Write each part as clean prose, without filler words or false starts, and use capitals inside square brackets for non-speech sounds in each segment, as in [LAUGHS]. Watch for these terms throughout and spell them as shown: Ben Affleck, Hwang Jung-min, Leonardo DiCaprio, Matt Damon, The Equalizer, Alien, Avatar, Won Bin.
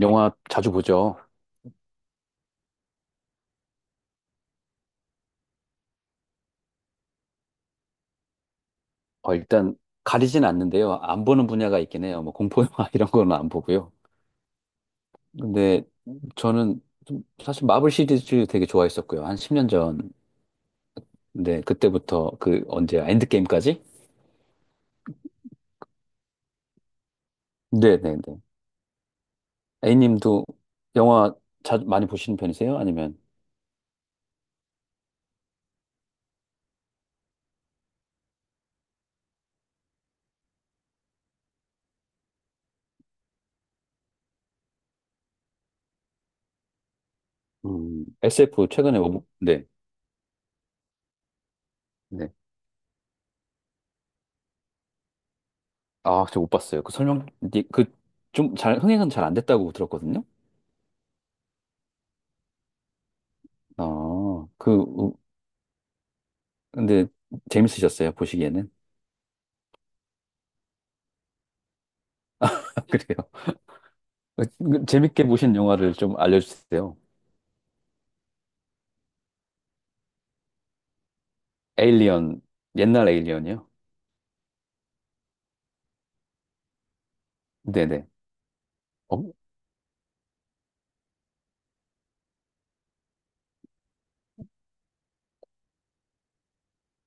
영화 자주 보죠. 일단 가리진 않는데요. 안 보는 분야가 있긴 해요. 뭐 공포 영화 [LAUGHS] 이런 거는 안 보고요. 근데 저는 좀 사실 마블 시리즈 되게 좋아했었고요. 한 10년 전. 근데 그때부터 그 언제 엔드게임까지? 네네네. A님도 영화 자 많이 보시는 편이세요? 아니면. SF 최근에 뭐, 네. 네. 아, 저 못 봤어요. 그 설명 그 좀 잘 흥행은 잘 안 됐다고 들었거든요. 아, 그 우-. 근데 재밌으셨어요? 보시기에는? 그래요. [LAUGHS] 재밌게 보신 영화를 좀 알려주세요. 에일리언, 옛날 에일리언이요? 네네. 어,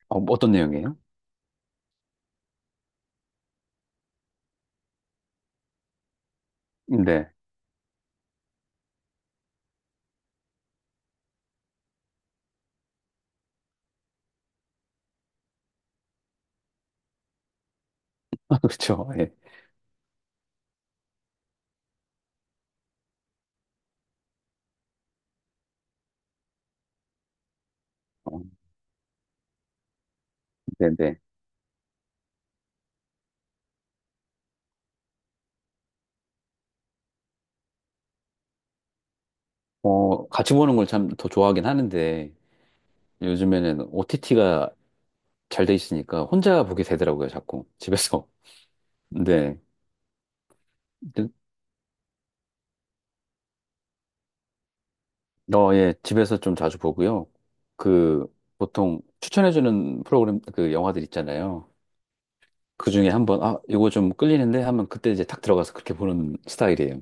떤 내용이에요? 네. [LAUGHS] 아, 그렇죠. 예. 어, 네네. 같이 보는 걸 참 더 좋아하긴 하는데, 요즘에는 OTT가 잘 돼 있으니까 혼자 보게 되더라고요, 자꾸. 집에서. [LAUGHS] 네. 네. 예. 집에서 좀 자주 보고요. 그, 보통 추천해주는 프로그램, 그 영화들 있잖아요. 그 중에 한번, 아, 이거 좀 끌리는데 하면 그때 이제 탁 들어가서 그렇게 보는 스타일이에요.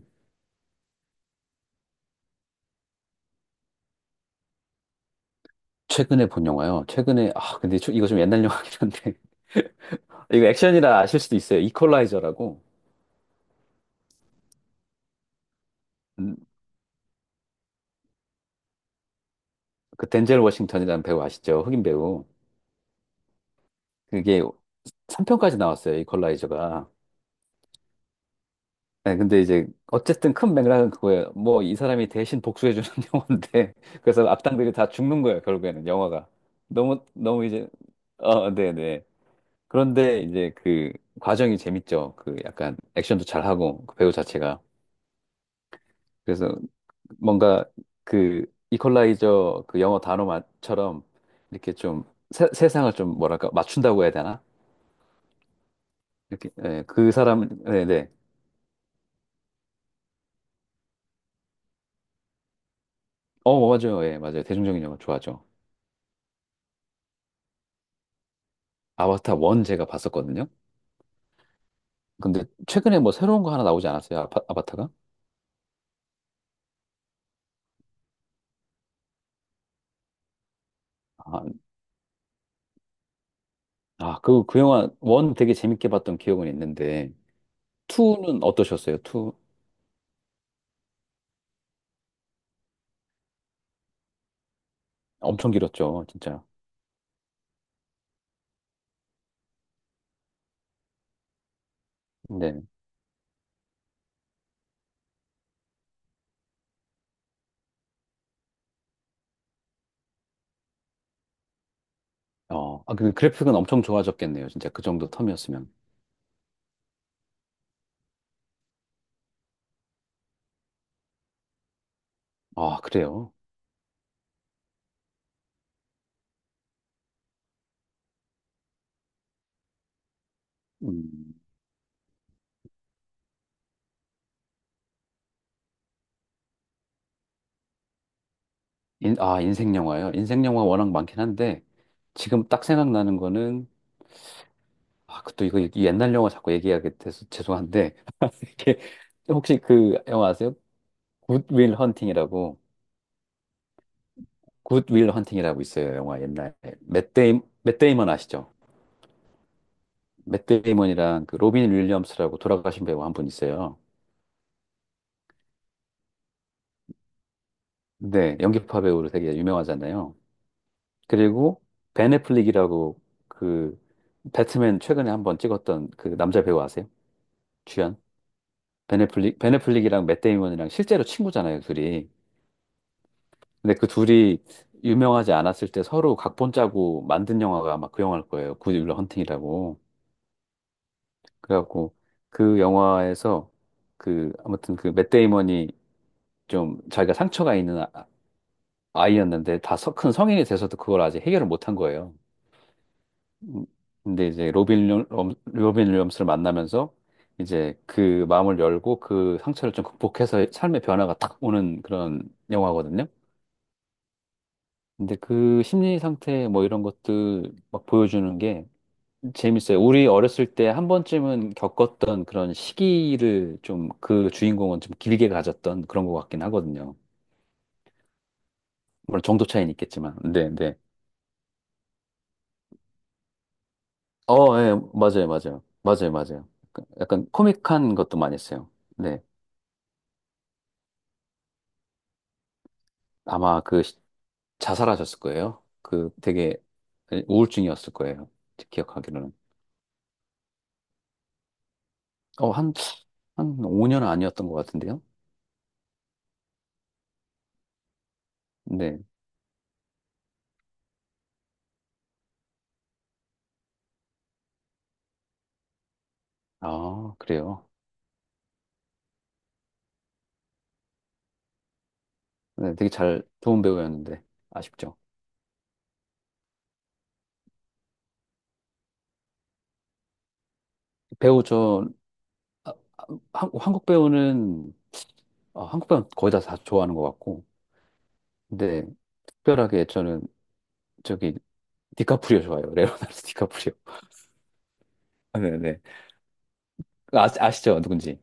최근에 본 영화요. 최근에, 아, 근데 저- 이거 좀 옛날 영화긴 한데. [LAUGHS] 이거 액션이라 아실 수도 있어요. 이퀄라이저라고. 음, 그 덴젤 워싱턴이라는 배우 아시죠? 흑인 배우. 그게 3편까지 나왔어요. 이퀄라이저가. 네, 근데 이제 어쨌든 큰 맥락은 그거예요. 뭐 이 사람이 대신 복수해주는 [LAUGHS] 영화인데. 그래서 악당들이 다 죽는 거예요. 결국에는 영화가. 너무, 너무 이제, 네네. 그런데 이제 그 과정이 재밌죠. 그 약간 액션도 잘하고 그 배우 자체가. 그래서 뭔가 그 이퀄라이저 그 영어 단어처럼 이렇게 좀 세상을 좀 뭐랄까 맞춘다고 해야 되나? 이렇게 예, 그 사람 네네. 어 어, 맞아요. 예, 맞아요. 대중적인 영화 좋아하죠. 아바타 1 제가 봤었거든요. 근데 최근에 뭐 새로운 거 하나 나오지 않았어요? 아바타가? 아, 그 영화 1 되게 재밌게 봤던 기억은 있는데 2는 어떠셨어요? 2 엄청 길었죠, 진짜. 네. 아, 그 그래픽은 엄청 좋아졌겠네요. 진짜 그 정도 텀이었으면. 아, 그래요? 음. 인생 영화요? 인생 영화 워낙 많긴 한데, 지금 딱 생각나는 거는, 아, 그 또 이거 이 옛날 영화 자꾸 얘기하게 돼서 죄송한데, [LAUGHS] 이게 혹시 그 영화 아세요? 굿윌 헌팅이라고, 굿윌 헌팅이라고 있어요. 영화 옛날에. 맷 데이먼 아시죠? 맷 데이먼이랑 그 로빈 윌리엄스라고 돌아가신 배우 한 분 있어요. 네, 연기파 배우로 되게 유명하잖아요. 그리고 벤 애플릭이라고 그 배트맨 최근에 한번 찍었던 그 남자 배우 아세요? 주연? 벤 애플릭이랑 맷 데이먼이랑 실제로 친구잖아요, 둘이. 근데 그 둘이 유명하지 않았을 때 서로 각본 짜고 만든 영화가 아마 그 영화일 거예요. 굿 윌러 헌팅이라고. 그래갖고 그 영화에서 그 아무튼 그 맷 데이먼이 좀 자기가 상처가 있는 아이였는데 다 큰 성인이 돼서도 그걸 아직 해결을 못한 거예요. 음, 근데 이제 로빈 윌리엄스를 만나면서 이제 그 마음을 열고 그 상처를 좀 극복해서 삶의 변화가 탁 오는 그런 영화거든요. 근데 그 심리 상태 뭐 이런 것들 막 보여주는 게 재밌어요. 우리 어렸을 때 한 번쯤은 겪었던 그런 시기를 좀 그 주인공은 좀 길게 가졌던 그런 것 같긴 하거든요. 물론 정도 차이는 있겠지만. 네, 네. 예, 맞아요, 맞아요. 맞아요, 맞아요. 약간 코믹한 것도 많이 써요. 네. 아마 그 자살하셨을 거예요. 그 되게 우울증이었을 거예요. 기억하기로는. 어, 한, 한 5년 아니었던 것 같은데요. 네. 아, 그래요. 네, 되게 잘, 좋은 배우였는데. 아쉽죠. 배우 저, 아, 한국 배우는, 아, 한국 배우는 거의 다 좋아하는 것 같고. 근데 특별하게 저는 저기, 디카프리오 좋아해요. 레오나르도 디카프리오. [LAUGHS] 네네. 아, 아시죠? 누군지.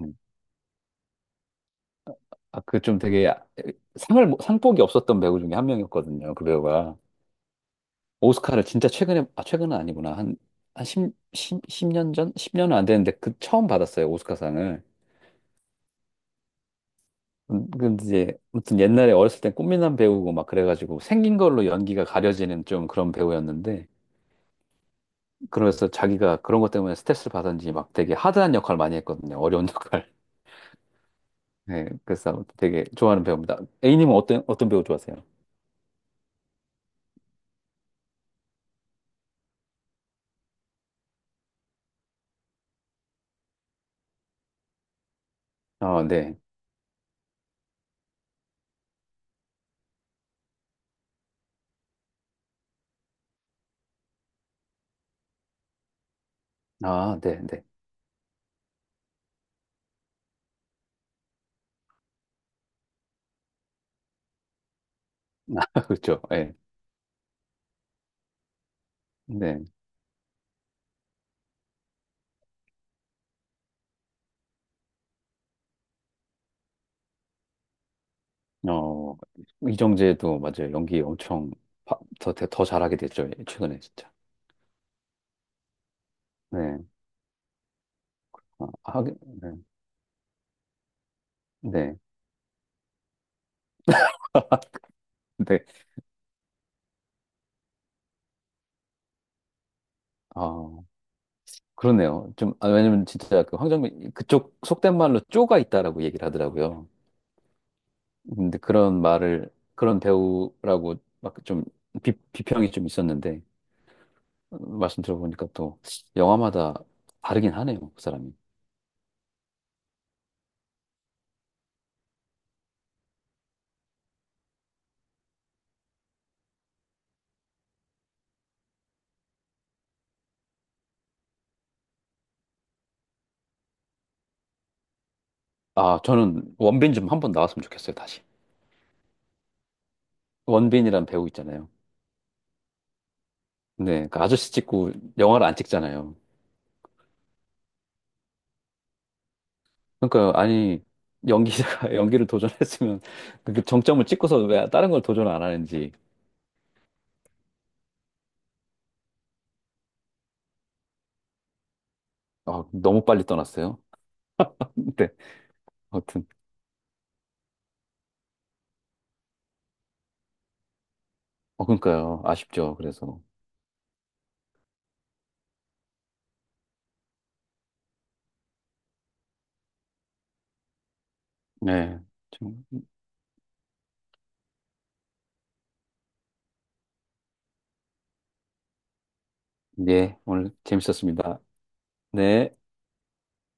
음. 아, 그 좀 되게 아, 상을, 뭐, 상복이 없었던 배우 중에 한 명이었거든요. 그 배우가. 오스카를 진짜 최근에, 아, 최근은 아니구나. 한 10, 십십 년 전? 10년은 안 되는데, 그 처음 받았어요, 오스카상을. 근데 이제, 아무튼 옛날에 어렸을 땐 꽃미남 배우고 막 그래가지고 생긴 걸로 연기가 가려지는 좀 그런 배우였는데, 그래서 자기가 그런 것 때문에 스트레스를 받은지 막 되게 하드한 역할 많이 했거든요. 어려운 역할. [LAUGHS] 네, 그래서 되게 좋아하는 배우입니다. A님은 어떤 배우 좋아하세요? 아, 네. 아, 네, 네. [LAUGHS] 그렇죠. 예. 네. 어, 이정재도 맞아요. 연기 엄청 더 잘하게 됐죠. 예, 최근에 진짜. 네. 아, 하긴, 네. 네. [LAUGHS] 네. 아, 그러네요. 좀, 아, 왜냐면 진짜 그 황정민, 그쪽 속된 말로 쪼가 있다라고 얘기를 하더라고요. 근데 그런 말을, 그런 배우라고 막 좀 비평이 좀 있었는데, 말씀 들어보니까 또 영화마다 다르긴 하네요. 그 사람이. 아, 저는 원빈 좀 한 번 나왔으면 좋겠어요. 다시. 원빈이란 배우 있잖아요. 네, 그러니까 아저씨 찍고 영화를 안 찍잖아요. 그러니까 아니 연기자가 [LAUGHS] 연기를 도전했으면 그 정점을 찍고서 왜 다른 걸 도전 안 하는지. 아, 너무 빨리 떠났어요. [LAUGHS] 네, 아무튼 그러니까요 아쉽죠. 그래서 네, 좀, 네 오늘 재밌었습니다. 네.